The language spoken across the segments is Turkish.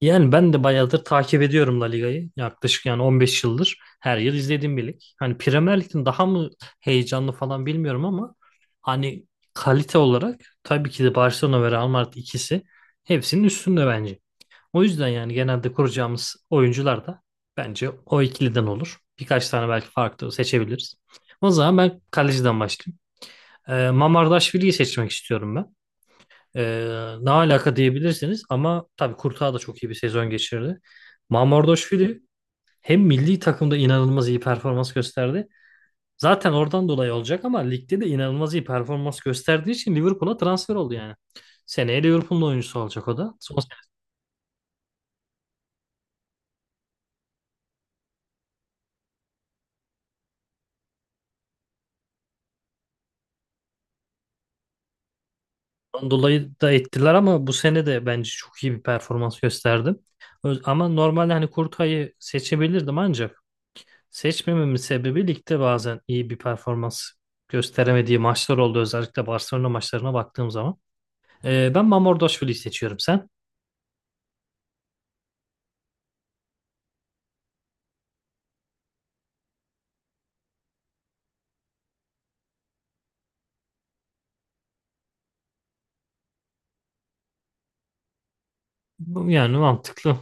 Yani ben de bayağıdır takip ediyorum La Liga'yı. Yaklaşık yani 15 yıldır her yıl izlediğim bir lig. Hani Premier Lig'in daha mı heyecanlı falan bilmiyorum ama hani kalite olarak tabii ki de Barcelona ve Real Madrid ikisi hepsinin üstünde bence. O yüzden yani genelde kuracağımız oyuncular da bence o ikiliden olur. Birkaç tane belki farklı seçebiliriz. O zaman ben kaleciden başlayayım. Mamardaşvili'yi seçmek istiyorum ben. Ne alaka diyebilirsiniz ama tabii Kurtağı da çok iyi bir sezon geçirdi. Mamardashvili hem milli takımda inanılmaz iyi performans gösterdi. Zaten oradan dolayı olacak ama ligde de inanılmaz iyi performans gösterdiği için Liverpool'a transfer oldu yani. Seneye Liverpool'un oyuncusu olacak o da. Son seneden dolayı da ettiler ama bu sene de bence çok iyi bir performans gösterdi. Ama normalde hani Kurtay'ı seçebilirdim, ancak seçmememin sebebi ligde bazen iyi bir performans gösteremediği maçlar oldu. Özellikle Barcelona maçlarına baktığım zaman. Ben Mamardashvili'yi seçiyorum sen. Yani mantıklı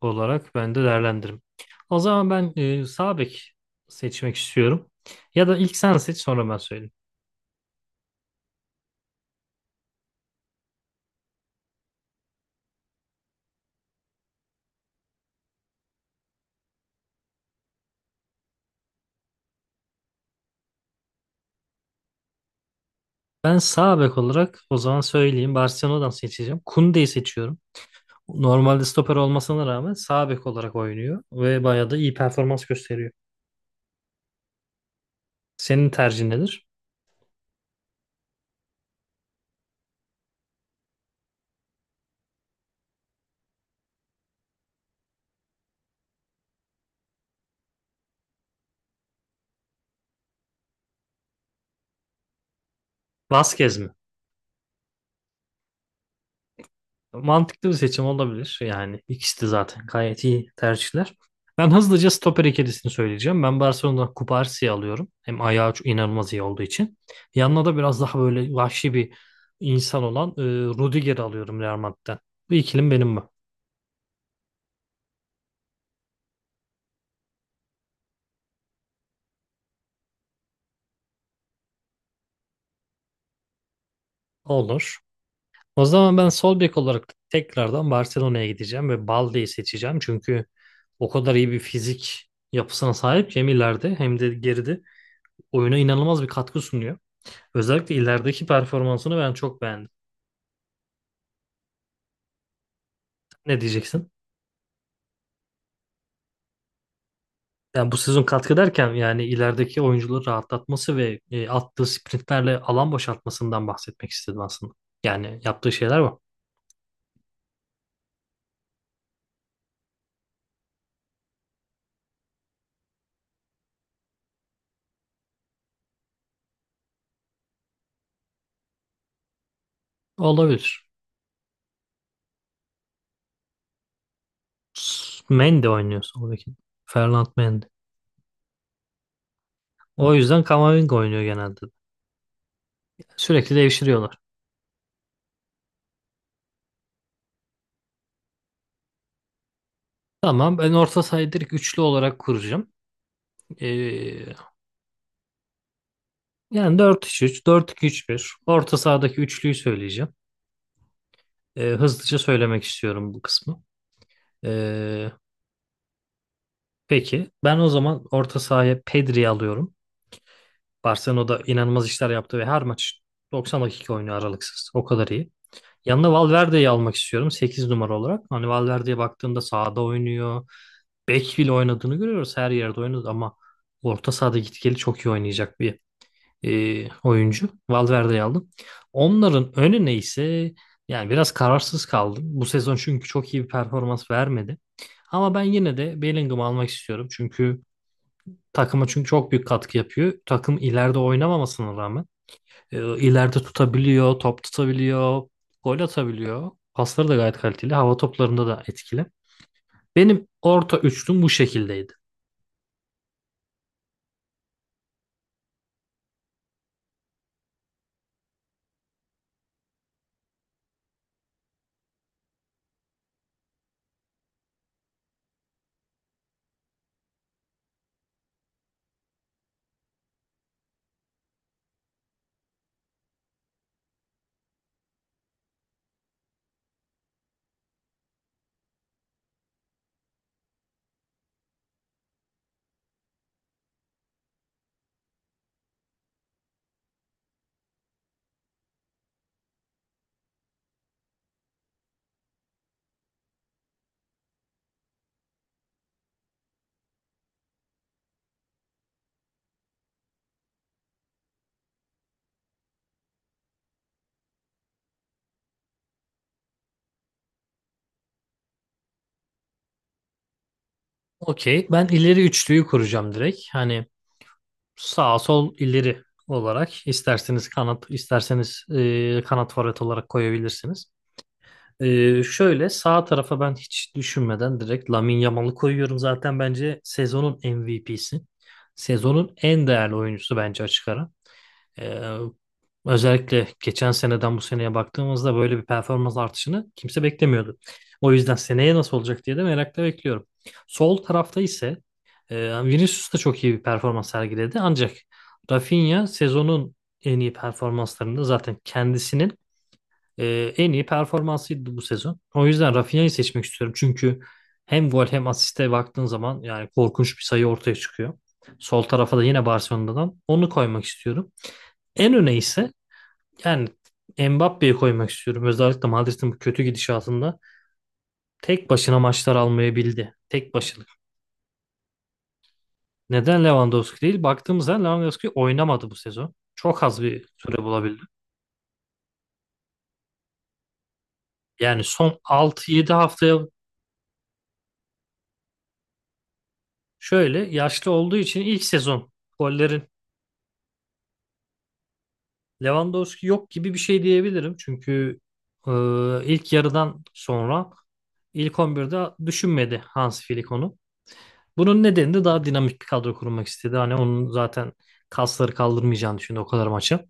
olarak ben de değerlendiririm. O zaman ben sağ bek seçmek istiyorum. Ya da ilk sen seç sonra ben söyleyeyim. Ben sağ bek olarak o zaman söyleyeyim. Barcelona'dan seçeceğim. Koundé'yi seçiyorum. Normalde stoper olmasına rağmen sağ bek olarak oynuyor ve bayağı da iyi performans gösteriyor. Senin tercihin nedir? Vasquez mi? Mantıklı bir seçim olabilir. Yani ikisi de zaten gayet iyi tercihler. Ben hızlıca stoper ikilisini söyleyeceğim. Ben Barcelona'dan Cubarsi'yi alıyorum. Hem ayağı çok inanılmaz iyi olduğu için. Yanına da biraz daha böyle vahşi bir insan olan Rudiger'i alıyorum Real Madrid'den. Bu ikilim benim mi? Olur. O zaman ben sol bek olarak tekrardan Barcelona'ya gideceğim ve Balde'yi seçeceğim. Çünkü o kadar iyi bir fizik yapısına sahip ki hem ileride hem de geride oyuna inanılmaz bir katkı sunuyor. Özellikle ilerideki performansını ben çok beğendim. Ne diyeceksin? Yani bu sezon katkı derken yani ilerideki oyuncuları rahatlatması ve attığı sprintlerle alan boşaltmasından bahsetmek istedim aslında. Yani yaptığı şeyler bu. Olabilir. Mendy oynuyor sol bek. Ferland Mendy. O yüzden Camavinga oynuyor genelde. Sürekli devşiriyorlar. Tamam, ben orta sahayı direkt üçlü olarak kuracağım. Ee, Yani dört üç üç dört 4-2-3-1. Orta sahadaki üçlüyü söyleyeceğim. Hızlıca söylemek istiyorum bu kısmı. Ee, peki ben o zaman orta sahaya Pedri'yi alıyorum. Barcelona'da inanılmaz işler yaptı ve her maç 90 dakika oynuyor aralıksız. O kadar iyi. Yanına Valverde'yi almak istiyorum 8 numara olarak. Hani Valverde'ye baktığında sahada oynuyor. Bek bile oynadığını görüyoruz. Her yerde oynadı ama orta sahada gitgeli çok iyi oynayacak bir oyuncu. Valverde'yi aldım. Onların önüne ise yani biraz kararsız kaldım. Bu sezon çünkü çok iyi bir performans vermedi. Ama ben yine de Bellingham'ı almak istiyorum. Çünkü takıma çünkü çok büyük katkı yapıyor. Takım ileride oynamamasına rağmen ileride tutabiliyor, top tutabiliyor, gol atabiliyor. Pasları da gayet kaliteli. Hava toplarında da etkili. Benim orta üçlüm bu şekildeydi. Okey. Ben ileri üçlüyü kuracağım direkt. Hani sağ sol ileri olarak isterseniz kanat, isterseniz kanat forvet olarak koyabilirsiniz. Şöyle sağ tarafa ben hiç düşünmeden direkt Lamine Yamal'ı koyuyorum. Zaten bence sezonun MVP'si. Sezonun en değerli oyuncusu bence açık ara. Ee, Özellikle geçen seneden bu seneye baktığımızda böyle bir performans artışını kimse beklemiyordu. O yüzden seneye nasıl olacak diye de merakla bekliyorum. Sol tarafta ise Vinicius da çok iyi bir performans sergiledi. Ancak Rafinha sezonun en iyi performanslarında zaten kendisinin en iyi performansıydı bu sezon. O yüzden Rafinha'yı seçmek istiyorum. Çünkü hem gol hem asiste baktığın zaman yani korkunç bir sayı ortaya çıkıyor. Sol tarafa da yine Barcelona'dan onu koymak istiyorum. En öne ise yani Mbappe'yi koymak istiyorum. Özellikle Madrid'in bu kötü gidişatında tek başına maçlar almayabildi. Tek başına. Neden Lewandowski değil? Baktığımızda Lewandowski oynamadı bu sezon. Çok az bir süre bulabildi. Yani son 6 yedi haftaya şöyle yaşlı olduğu için ilk sezon gollerin Lewandowski yok gibi bir şey diyebilirim. Çünkü e, ilk yarıdan sonra ilk 11'de düşünmedi Hans Flick onu. Bunun nedeni de daha dinamik bir kadro kurmak istedi. Hani onun zaten kasları kaldırmayacağını düşündü o kadar maçı.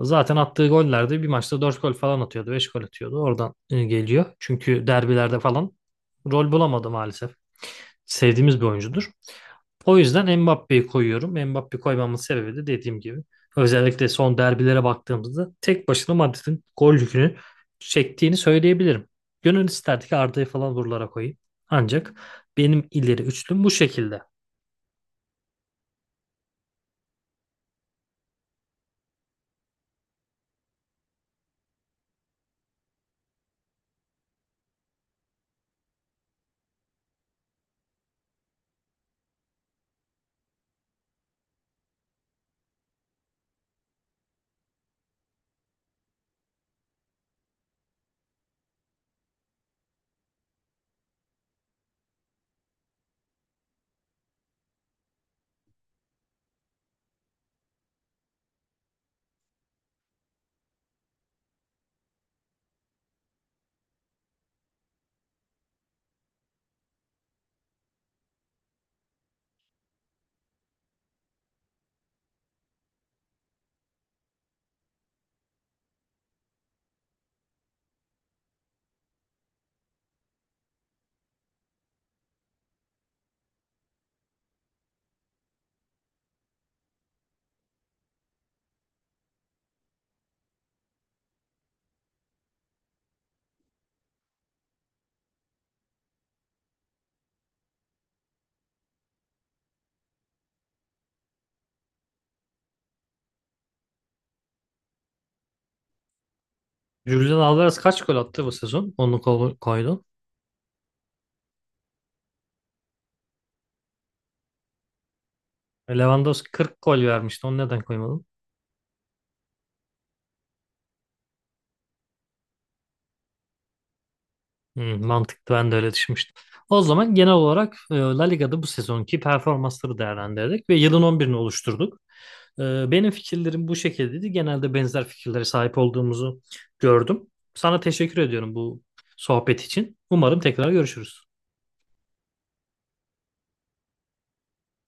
Zaten attığı gollerde bir maçta 4 gol falan atıyordu, 5 gol atıyordu. Oradan geliyor. Çünkü derbilerde falan rol bulamadı maalesef. Sevdiğimiz bir oyuncudur. O yüzden Mbappe'yi koyuyorum. Mbappe koymamın sebebi de dediğim gibi özellikle son derbilere baktığımızda tek başına Madrid'in gol yükünü çektiğini söyleyebilirim. Gönül isterdi ki Arda'yı falan buralara koyayım. Ancak benim ileri üçlüm bu şekilde. Julian Alvarez kaç gol attı bu sezon? Onu koydun. Lewandowski 40 gol vermişti. Onu neden koymadın? Hmm, mantıklı, ben de öyle düşünmüştüm. O zaman genel olarak La Liga'da bu sezonki performansları değerlendirdik ve yılın 11'ini oluşturduk. Benim fikirlerim bu şekildeydi. Genelde benzer fikirlere sahip olduğumuzu gördüm. Sana teşekkür ediyorum bu sohbet için. Umarım tekrar görüşürüz.